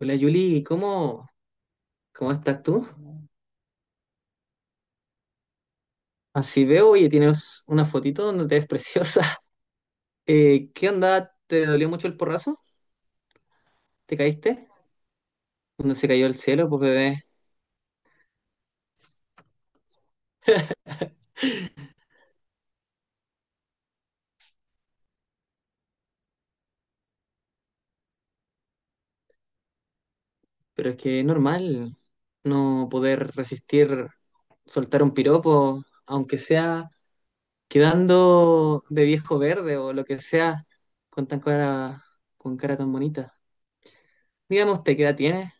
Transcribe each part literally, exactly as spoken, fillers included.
Hola Yuli, ¿cómo, cómo estás tú? Así veo, oye, tienes una fotito donde te ves preciosa. Eh, ¿qué onda? ¿Te dolió mucho el porrazo? ¿Te caíste? ¿Dónde se cayó el cielo, pues bebé? Pero es que es normal no poder resistir soltar un piropo, aunque sea quedando de viejo verde o lo que sea, con tan cara, con cara tan bonita. Digamos, ¿te qué edad tienes?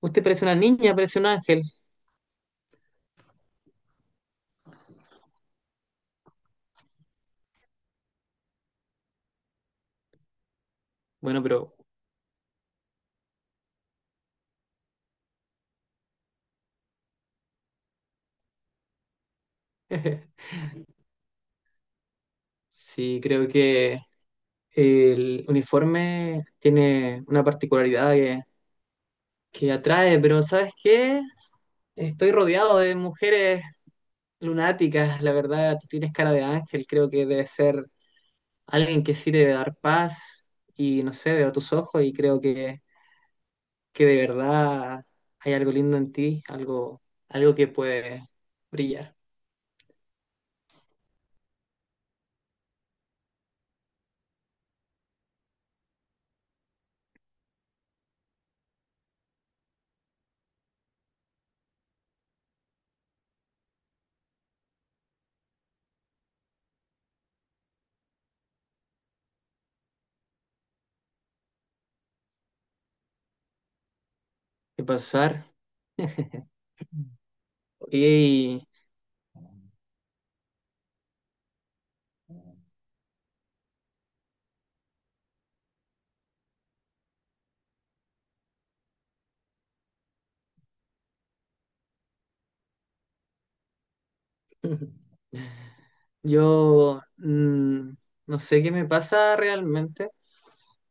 Usted parece una niña, parece un ángel. Bueno, pero sí, creo que el uniforme tiene una particularidad que, que atrae, pero ¿sabes qué? Estoy rodeado de mujeres lunáticas, la verdad, tú tienes cara de ángel, creo que debe ser alguien que sí debe dar paz y no sé, veo tus ojos y creo que, que de verdad hay algo lindo en ti, algo, algo que puede brillar y pasar. Y Yo mm, no sé qué me pasa realmente.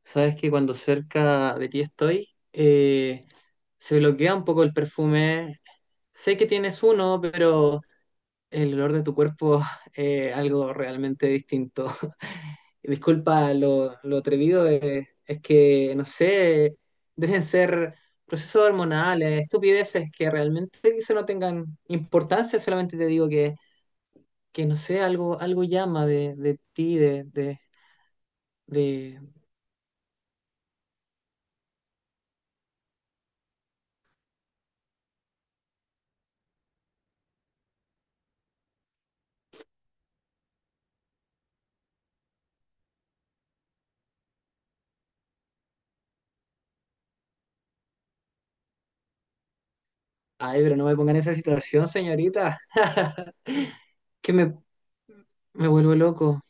Sabes que cuando cerca de ti estoy, eh, se bloquea un poco el perfume. Sé que tienes uno, pero el olor de tu cuerpo es algo realmente distinto. Disculpa lo, lo atrevido, eh, es que, no sé, deben ser procesos hormonales, estupideces que realmente quizá no tengan importancia, solamente te digo que que no sé, algo, algo llama de, de ti, de, de, de... Ay, pero no me ponga en esa situación, señorita. Que me, me vuelvo loco.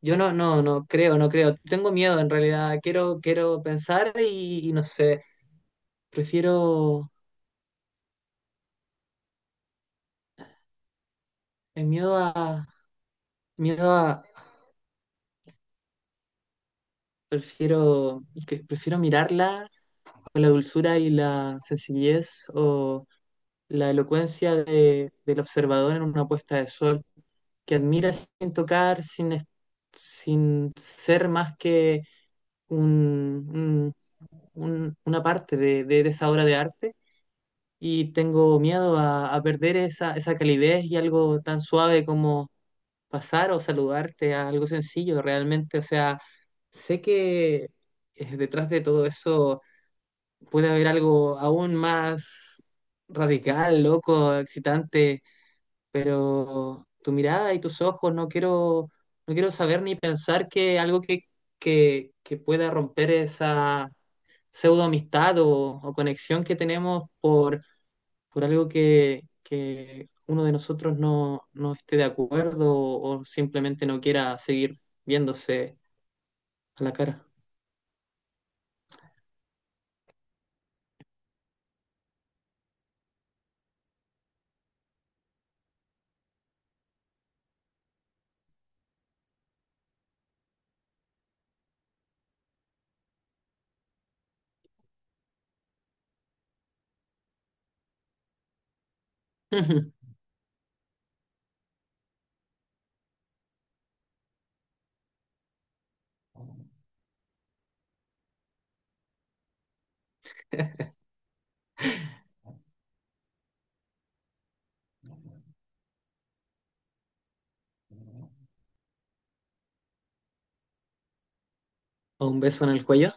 Yo no, no, no creo, no creo. Tengo miedo en realidad. Quiero, quiero pensar y, y no sé. Prefiero el miedo a, miedo a, prefiero, que, prefiero mirarla con la dulzura y la sencillez o la elocuencia de, del observador en una puesta de sol, que admiras sin tocar, sin, es- sin ser más que un, un- un- una parte de, de- de esa obra de arte. Y tengo miedo a, a perder esa, esa calidez y algo tan suave como pasar o saludarte a algo sencillo realmente. O sea, sé que eh, detrás de todo eso puede haber algo aún más radical, loco, excitante, pero tu mirada y tus ojos, no quiero, no quiero saber ni pensar que algo que, que, que pueda romper esa pseudo amistad o, o conexión que tenemos por, por algo que, que uno de nosotros no, no esté de acuerdo o, o simplemente no quiera seguir viéndose a la cara. O un beso en el cuello.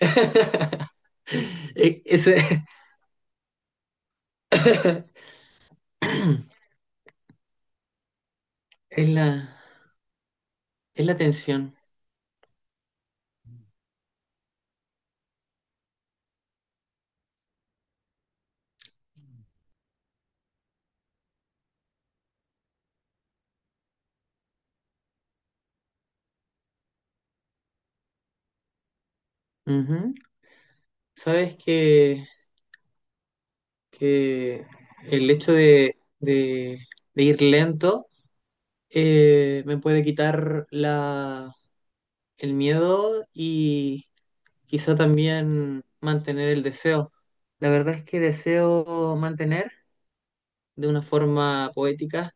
E- Ese es la, es la tensión. Ujú. Sabes que, que el hecho de, de- de ir lento, eh, me puede quitar la, el miedo y quizá también mantener el deseo. La verdad es que deseo mantener de una forma poética,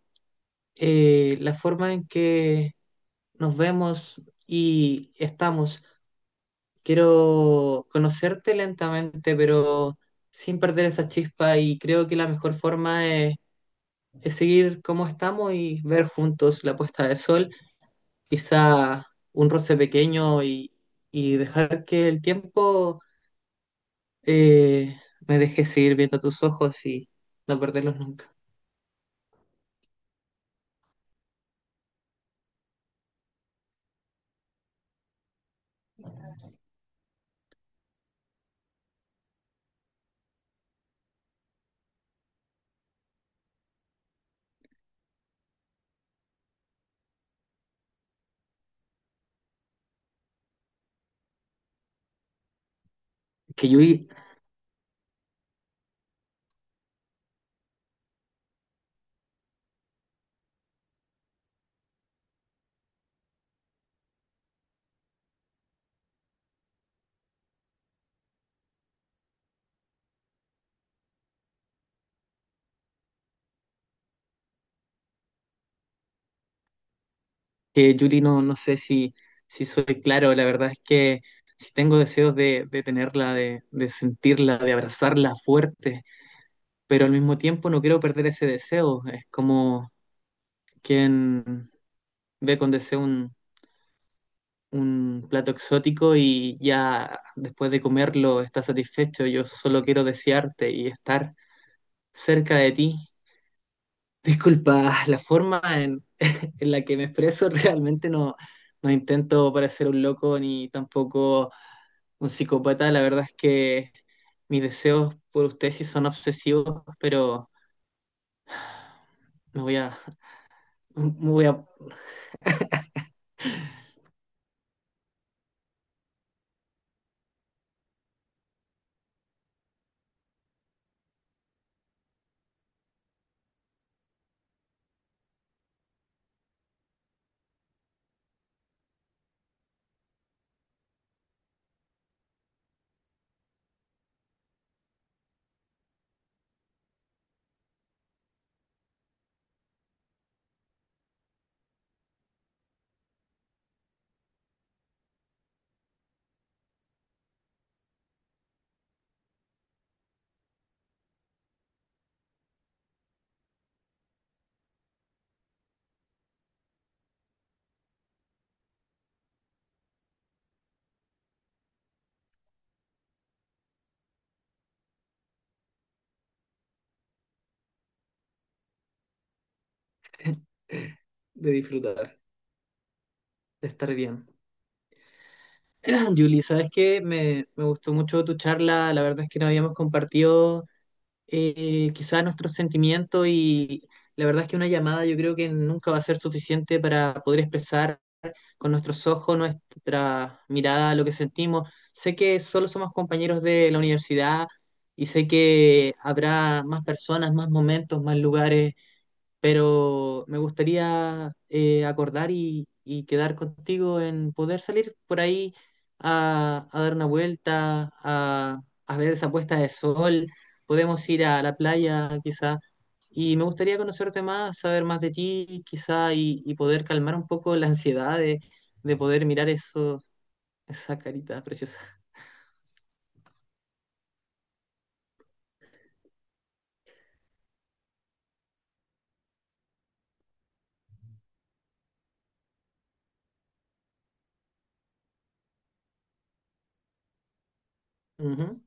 eh, la forma en que nos vemos y estamos. Quiero conocerte lentamente, pero sin perder esa chispa y creo que la mejor forma es es seguir como estamos y ver juntos la puesta de sol, quizá un roce pequeño, y, y dejar que el tiempo, eh, me deje seguir viendo tus ojos y no perderlos nunca. Que Yuri, que Yuri no, no sé si, si, soy claro, la verdad es que si tengo deseos de, de tenerla, de, de sentirla, de abrazarla fuerte, pero al mismo tiempo no quiero perder ese deseo, es como quien ve con deseo un un plato exótico y ya después de comerlo estás satisfecho. Yo solo quiero desearte y estar cerca de ti. Disculpa, la forma en, en la que me expreso, realmente no, no intento parecer un loco ni tampoco un psicópata. La verdad es que mis deseos por usted sí son obsesivos, pero me voy a, me voy a de disfrutar, de estar bien. Julie, sabes que me, me gustó mucho tu charla. La verdad es que no habíamos compartido, eh, quizás nuestros sentimientos y la verdad es que una llamada yo creo que nunca va a ser suficiente para poder expresar con nuestros ojos, nuestra mirada, lo que sentimos. Sé que solo somos compañeros de la universidad y sé que habrá más personas, más momentos, más lugares, pero me gustaría, eh, acordar y, y quedar contigo en poder salir por ahí a, a dar una vuelta, a, a ver esa puesta de sol. Podemos ir a la playa quizá. Y me gustaría conocerte más, saber más de ti quizá, y, y poder calmar un poco la ansiedad de, de poder mirar eso, esa carita preciosa. Ujú.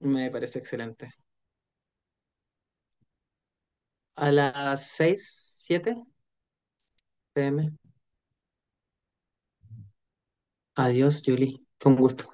Me parece excelente. A las seis, siete p m. Adiós, Julie. Fue un gusto.